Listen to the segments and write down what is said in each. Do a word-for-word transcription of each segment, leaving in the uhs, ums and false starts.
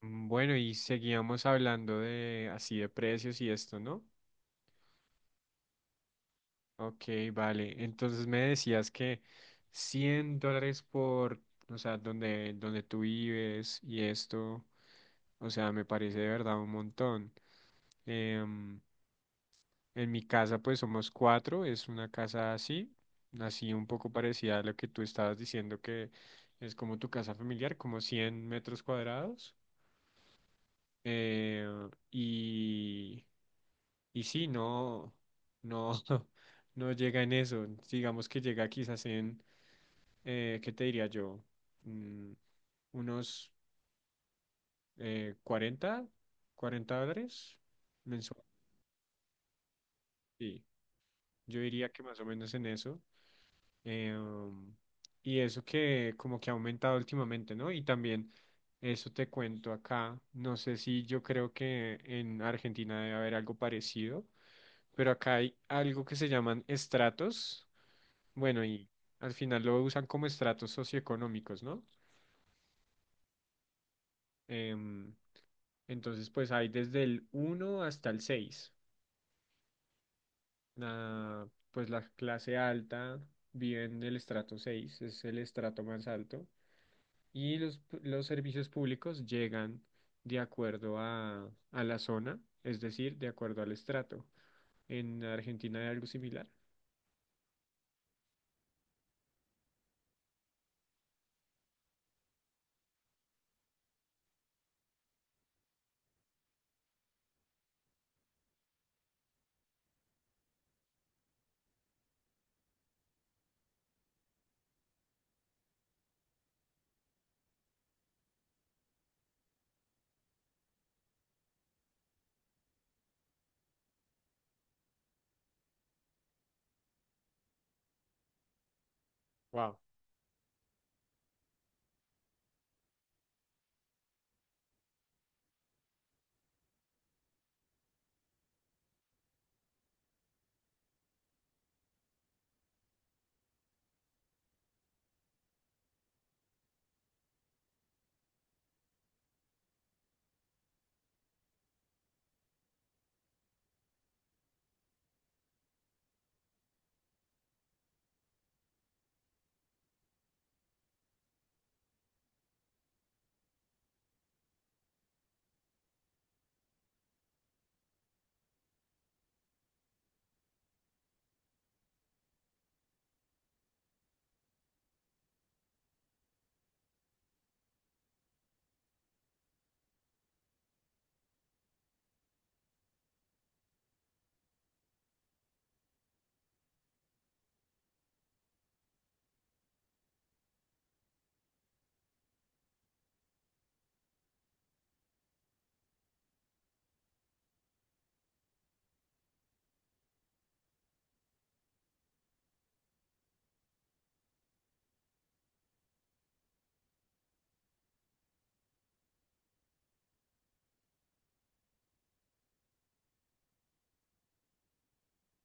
Mm, Bueno, y seguíamos hablando de así de precios y esto, ¿no? Ok, vale. Entonces me decías que cien dólares por, o sea, donde, donde tú vives y esto, o sea, me parece de verdad un montón. Em, en mi casa, pues somos cuatro, es una casa así, así un poco parecida a lo que tú estabas diciendo que es como tu casa familiar, como cien metros cuadrados. Eh, y Y sí, no, no, no llega en eso. Digamos que llega quizás en, eh, ¿qué te diría yo? Mm, unos eh, cuarenta 40 dólares mensual. Sí, yo diría que más o menos en eso. Eh, um, y eso que como que ha aumentado últimamente, ¿no? Y también eso te cuento acá. No sé, si yo creo que en Argentina debe haber algo parecido, pero acá hay algo que se llaman estratos. Bueno, y al final lo usan como estratos socioeconómicos, ¿no? Em, entonces, pues hay desde el uno hasta el seis. La- pues la clase alta vive en el estrato seis, es el estrato más alto. Y los, pu- los servicios públicos llegan de acuerdo a, a la zona, es decir, de acuerdo al estrato. En Argentina hay algo similar. Wow.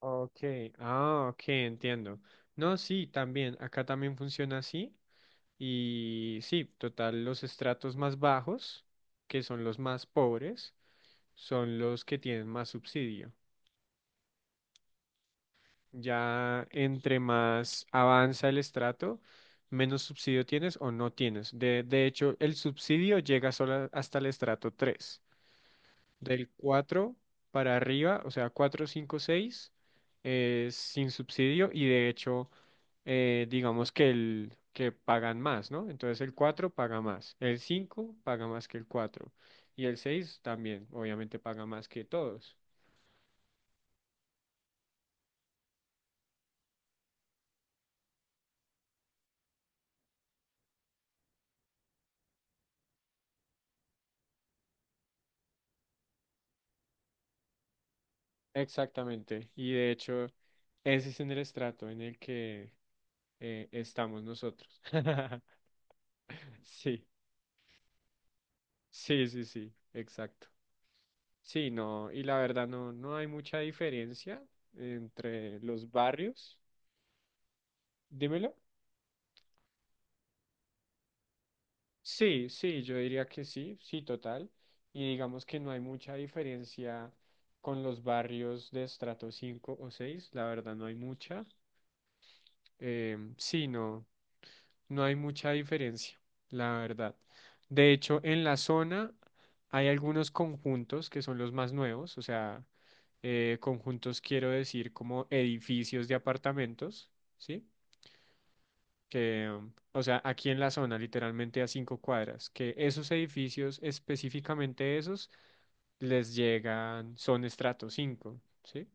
Ok, ah, ok, entiendo. No, sí, también, acá también funciona así. Y sí, total, los estratos más bajos, que son los más pobres, son los que tienen más subsidio. Ya entre más avanza el estrato, menos subsidio tienes o no tienes. De, de hecho, el subsidio llega solo hasta el estrato tres. Del cuatro para arriba, o sea, cuatro cinco seis, es sin subsidio. Y de hecho eh, digamos que el que pagan más, ¿no? Entonces el cuatro paga más, el cinco paga más que el cuatro, y el seis también, obviamente paga más que todos. Exactamente, y de hecho ese es en el estrato en el que eh, estamos nosotros. Sí, sí, sí, sí, exacto. Sí, no, y la verdad no, no hay mucha diferencia entre los barrios. Dímelo. Sí, sí, yo diría que sí, sí, total. Y digamos que no hay mucha diferencia con los barrios de estrato cinco o seis, la verdad no hay mucha. Em, sí, no, no hay mucha diferencia, la verdad. De hecho, en la zona hay algunos conjuntos que son los más nuevos, o sea, eh, conjuntos quiero decir como edificios de apartamentos, ¿sí? Que, o sea, aquí en la zona, literalmente a cinco cuadras, que esos edificios, específicamente esos, les llegan, son estrato cinco, ¿sí?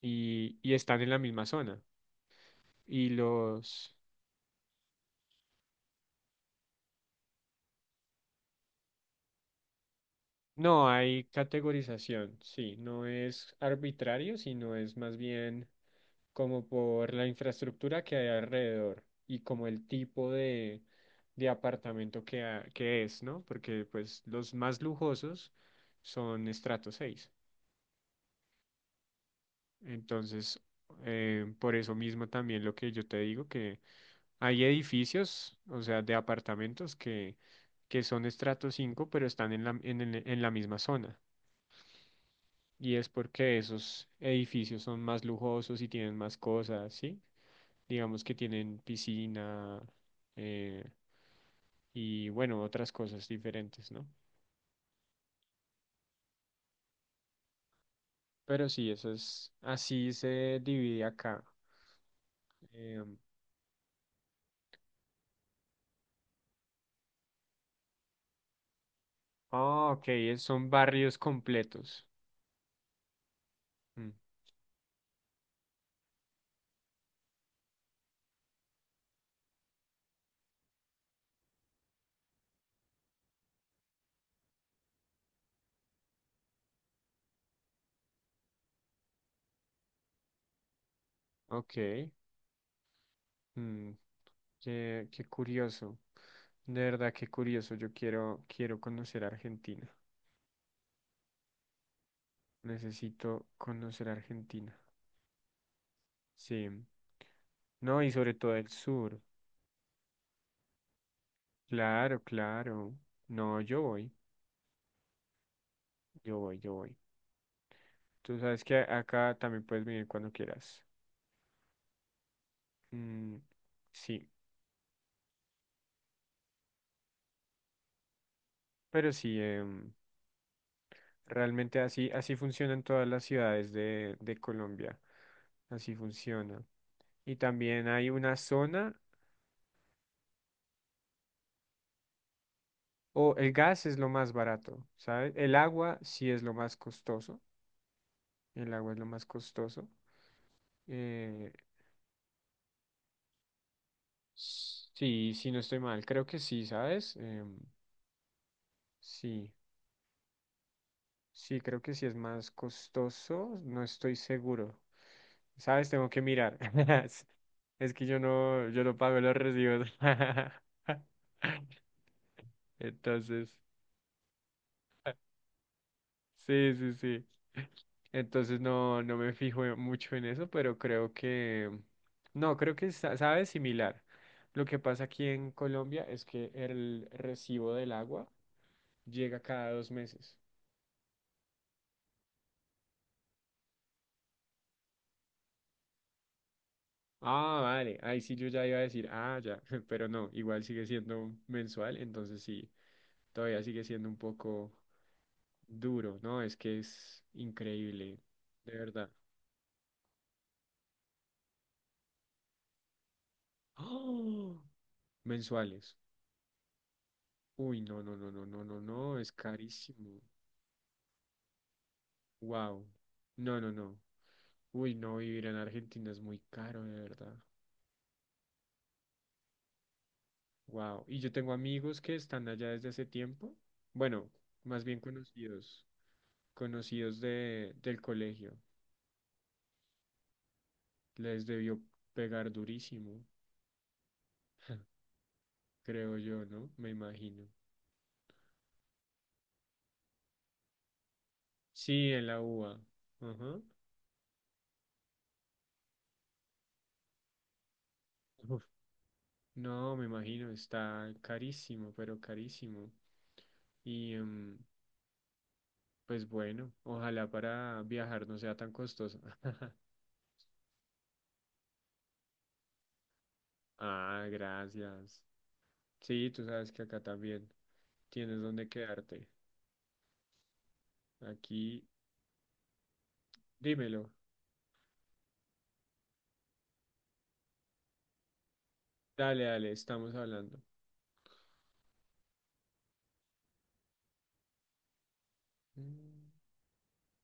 Y, y están en la misma zona. Y los, no hay categorización, sí, no es arbitrario, sino es más bien como por la infraestructura que hay alrededor y como el tipo de, de apartamento que, ha- que es, ¿no? Porque pues los más lujosos son estrato seis. Entonces, eh, por eso mismo también lo que yo te digo, que hay edificios, o sea, de apartamentos que, que son estrato cinco pero están en la, en, el- en la misma zona. Y es porque esos edificios son más lujosos y tienen más cosas, ¿sí? Digamos que tienen piscina, eh, y, bueno, otras cosas diferentes, ¿no? Pero sí, eso es, así se divide acá. Em, ah, ok, es- son barrios completos. Mm, ok. Mm, Qué, qué curioso. De verdad, qué curioso. Yo quiero, quiero conocer Argentina. Necesito conocer Argentina. Sí. No, y sobre todo el sur. Claro, claro. No, yo voy. Yo voy, yo voy. Tú sabes que a- acá también puedes venir cuando quieras. Mm, sí, pero sí, em, realmente así, así funcionan todas las ciudades de, de Colombia. Así funciona. Y también hay una zona. O el gas es lo más barato, ¿sabes? El agua sí es lo más costoso. El agua es lo más costoso. Eh, sí, sí, no estoy mal. Creo que sí, ¿sabes? Em, sí, sí, creo que sí es más costoso. No estoy seguro. ¿Sabes? Tengo que mirar. Es que yo no, yo no pago los recibos. Entonces, sí, sí, sí. Entonces no, no me fijo en- mucho en eso, pero creo que, no, creo que sa- sabe similar. Lo que pasa aquí en Colombia es que el recibo del agua llega cada dos meses. Ah, vale, ahí sí yo ya iba a decir, ah, ya, pero no, igual sigue siendo mensual, entonces sí, todavía sigue siendo un poco duro, ¿no? Es que es increíble, de verdad. ¡Oh! Mensuales. Uy, no, no, no, no, no, no, no, es carísimo. Wow. No, no, no. Uy, no, vivir en Argentina es muy caro, de verdad. Wow. Y yo tengo amigos que están allá desde hace tiempo. Bueno, más bien conocidos, conocidos de, del colegio. Les debió pegar durísimo, creo yo, ¿no? Me imagino. Sí, en la UBA. Ajá. Uf. No, me imagino, está carísimo, pero carísimo. Y em, Pues bueno, ojalá para viajar no sea tan costoso. Ah, gracias. Sí, tú sabes que acá también tienes donde quedarte. Aquí, dímelo. Dale, dale, estamos hablando. Mm.